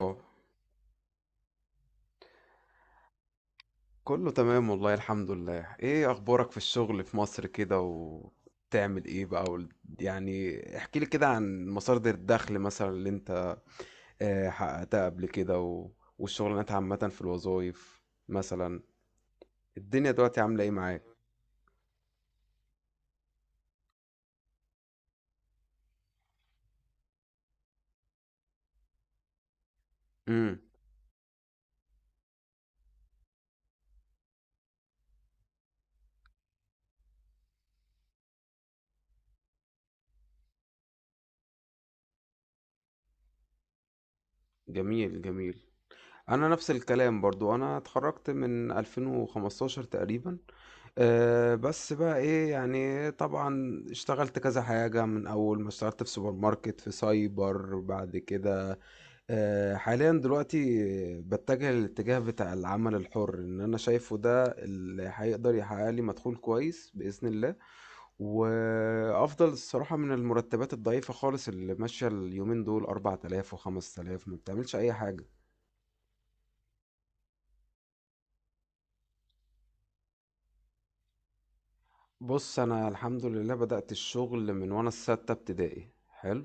اه، كله تمام والله الحمد لله. ايه اخبارك في الشغل في مصر كده وبتعمل ايه بقى يعني احكي لي كده عن مصادر الدخل مثلا اللي انت حققتها قبل كده والشغلانات عامة في الوظائف مثلا، الدنيا دلوقتي عاملة ايه معاك؟ امم جميل جميل. انا نفس الكلام برضو انا اتخرجت من 2015 تقريبا. بس بقى إيه، يعني طبعًا اشتغلت كذا حاجة، من أول ما اشتغلت في سوبر ماركت، في سايبر، بعد كده. حاليًا دلوقتي باتجه للاتجاه بتاع العمل الحُر، إن أنا شايفه ده اللي هيقدر يحقق لي مدخول كويس بإذن الله، وأفضل الصراحة من المرتبات الضعيفة خالص اللي ماشية اليومين دول. 4000 و5000 ما بتعملش أي حاجة. بُص، أنا الحمد لله بدأت الشغل من وأنا في سَتّة ابتدائي، حلو؟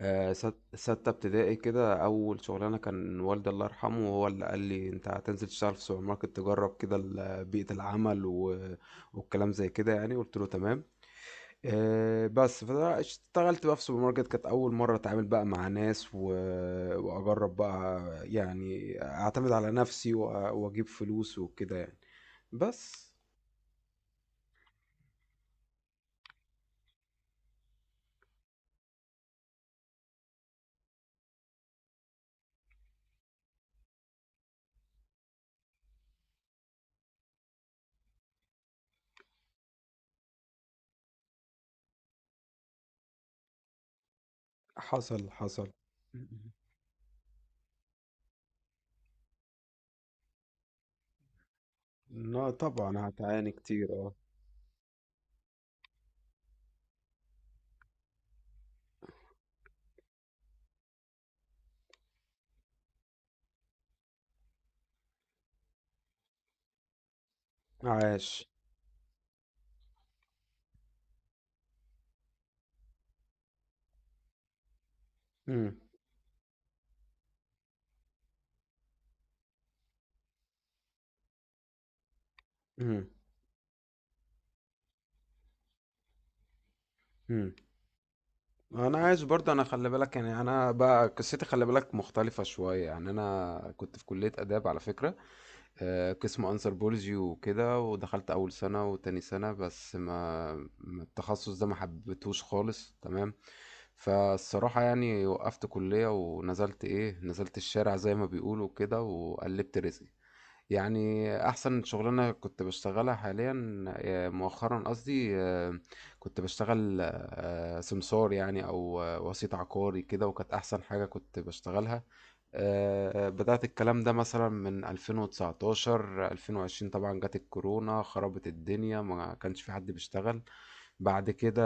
ستة ابتدائي كده. أول شغلانة كان والدي الله يرحمه هو اللي قال لي أنت هتنزل تشتغل في سوبر ماركت تجرب كده بيئة العمل والكلام زي كده، يعني قلت له تمام. بس فاشتغلت بقى في سوبر ماركت، كانت أول مرة أتعامل بقى مع ناس وأجرب بقى، يعني أعتمد على نفسي وأجيب فلوس وكده يعني. بس حصل حصل. لا طبعا هتعاني كتير، اه. عاش. مم. مم. مم. انا عايز برضه، انا خلي بالك، يعني انا بقى قصتي خلي بالك مختلفه شويه. يعني انا كنت في كليه اداب على فكره، قسم انثروبولوجي وكده، ودخلت اول سنه وتاني سنه بس ما التخصص ده ما حبيتهوش خالص، تمام؟ فالصراحه يعني وقفت كليه ونزلت ايه، نزلت الشارع زي ما بيقولوا كده وقلبت رزقي. يعني احسن شغلانه كنت بشتغلها حاليا، مؤخرا قصدي، كنت بشتغل سمسار يعني، او وسيط عقاري كده، وكانت احسن حاجه كنت بشتغلها. بدات الكلام ده مثلا من 2019 2020. طبعا جت الكورونا خربت الدنيا، ما كانش في حد بيشتغل. بعد كده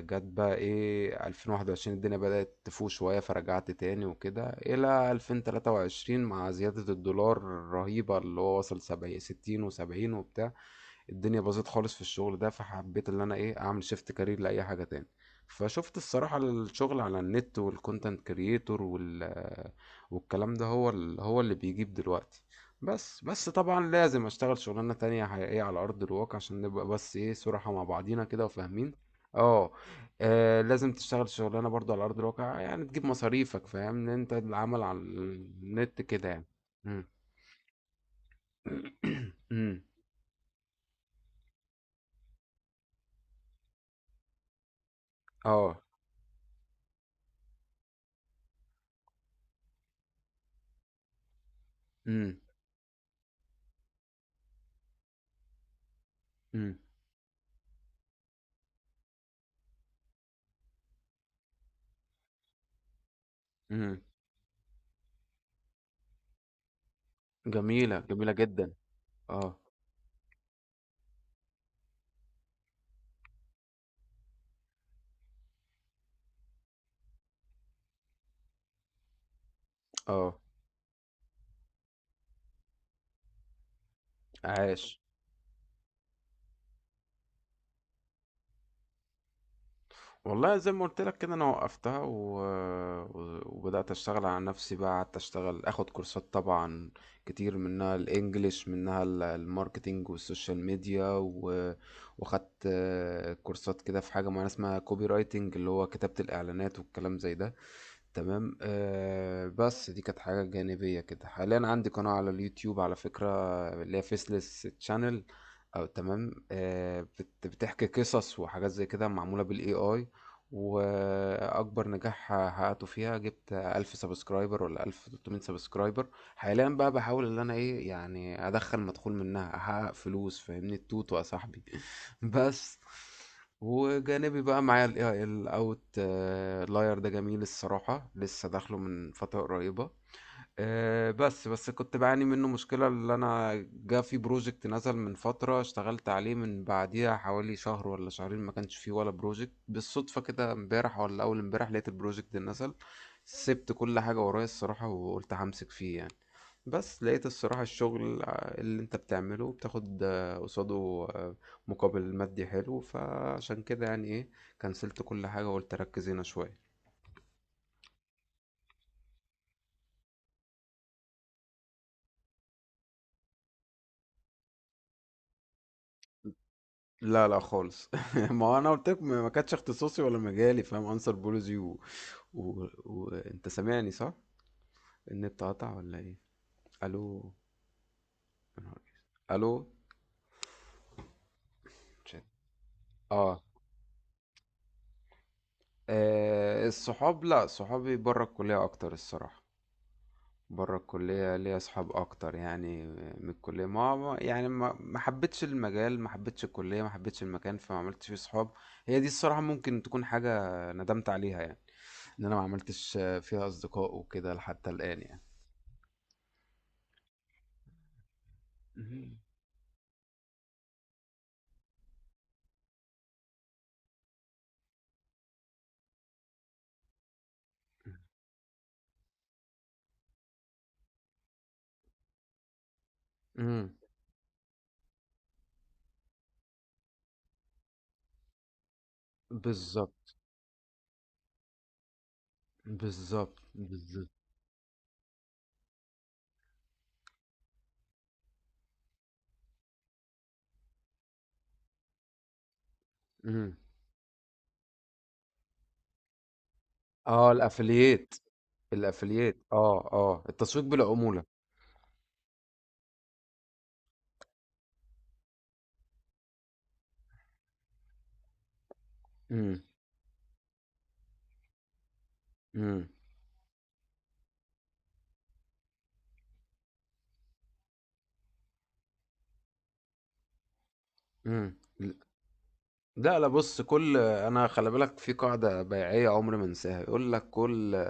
جت بقى ايه، 2021، الدنيا بدأت تفوق شوية فرجعت تاني وكده، إلى 2023 مع زيادة الدولار الرهيبة اللي هو وصل 70 60 و70 وبتاع. الدنيا باظت خالص في الشغل ده، فحبيت ان انا ايه، اعمل شيفت كارير لاي حاجه تاني. فشفت الصراحه الشغل على النت والكونتنت كرييتور والكلام ده هو هو اللي بيجيب دلوقتي. بس طبعا لازم اشتغل شغلانه تانية حقيقيه على ارض الواقع عشان نبقى بس ايه صراحه مع بعضينا كده وفاهمين. اه. لازم تشتغل شغلانه برضه على ارض الواقع يعني تجيب مصاريفك، فاهم ان انت العمل على النت كده يعني. مم. مم. اه. مم. مم. إمم. جميلة، جميلة جدًا. آه، آه، عاش. والله زي ما قلت لك كده انا وقفتها وبدأت اشتغل على نفسي. بقى قعدت اشتغل اخد كورسات طبعا كتير، منها الانجليش، منها الماركتينج والسوشيال ميديا واخدت كورسات كده في حاجة معينة اسمها كوبي رايتنج، اللي هو كتابة الاعلانات والكلام زي ده، تمام؟ آه بس دي كانت حاجة جانبية كده. حاليا عندي قناة على اليوتيوب على فكرة، اللي هي فيسلس تشانل او تمام، آه بتحكي قصص وحاجات زي كده معمولة بالاي اي. واكبر نجاح حققته فيها، جبت 1000 سبسكرايبر ولا 1300 سبسكرايبر. حاليا بقى بحاول ان انا ايه يعني ادخل مدخول منها، احقق فلوس، فاهمني التوت يا صاحبي؟ بس وجانبي بقى معايا الاي اي الاوت لاير ده، جميل الصراحة، لسه داخله من فترة قريبة. بس كنت بعاني منه مشكلة، اللي أنا جا في بروجكت نزل من فترة اشتغلت عليه، من بعديها حوالي شهر ولا شهرين ما كانش فيه ولا بروجكت. بالصدفة كده امبارح ولا أول امبارح لقيت البروجكت ده نزل. سبت كل حاجة ورايا الصراحة وقلت همسك فيه يعني. بس لقيت الصراحة الشغل اللي انت بتعمله بتاخد قصاده مقابل مادي حلو، فعشان كده يعني ايه، كنسلت كل حاجة وقلت ركز هنا شوية. لا لا خالص. ما هو انا قلت لك ما ما كانتش اختصاصي ولا مجالي، فاهم؟ انسر بولوجي وانت سامعني صح؟ النت قطع ولا ايه؟ الو؟ يا نهار أسود. الو؟ شت. اه. الصحاب، لا صحابي بره الكلية اكتر الصراحة. بره الكلية ليا اصحاب اكتر يعني من الكلية. يعني ما حبيتش المجال، ما حبيتش الكلية، ما حبيتش المكان، فما عملتش فيه صحاب. هي دي الصراحة ممكن تكون حاجة ندمت عليها يعني، إن أنا ما عملتش فيها أصدقاء وكده حتى الآن يعني. اهم. إمم. بالضبط، بالضبط، بالضبط. إمم. آه الأفيليت، الأفيليت، آه، آه، التسويق بالعمولة. إمم، إمم، إمم. لا لا، بص، كل، انا خلي بالك في قاعده بيعيه عمري ما انساها، يقول لك كل،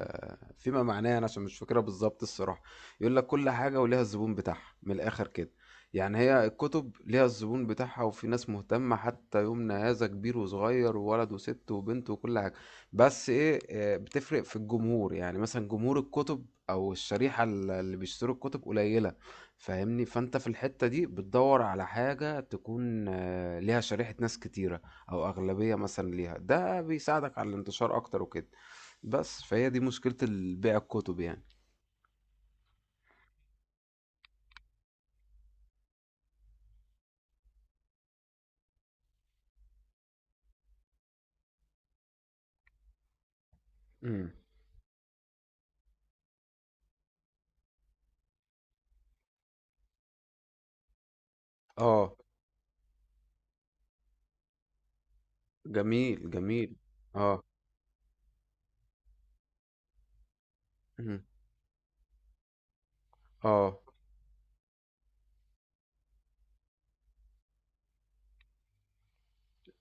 فيما معناه، انا عشان مش فاكرها بالظبط الصراحه، يقول لك كل حاجه وليها الزبون بتاعها، من الاخر كده. يعني هي الكتب ليها الزبون بتاعها، وفي ناس مهتمه حتى يومنا هذا، كبير وصغير وولد وست وبنت وكل حاجه. بس ايه، بتفرق في الجمهور، يعني مثلا جمهور الكتب او الشريحه اللي بيشتروا الكتب قليله، فاهمني؟ فانت في الحته دي بتدور على حاجه تكون ليها شريحه ناس كتيره او اغلبية مثلا ليها، ده بيساعدك على الانتشار اكتر وكده. بس فهي دي مشكلة بيع الكتب يعني. امم. اه. جميل جميل. اه. مم. اه.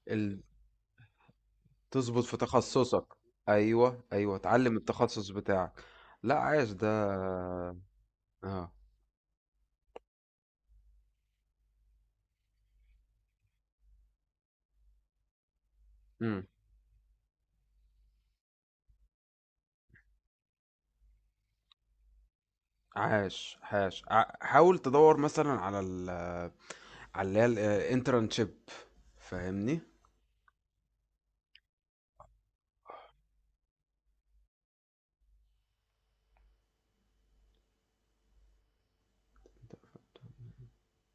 ال... تظبط في تخصصك. ايوه ايوه، اتعلم التخصص بتاعك. لا، عاش ده. اه. امم. عاش عاش، حاول تدور مثلا على على اللي هي الانترنشيب، فاهمني؟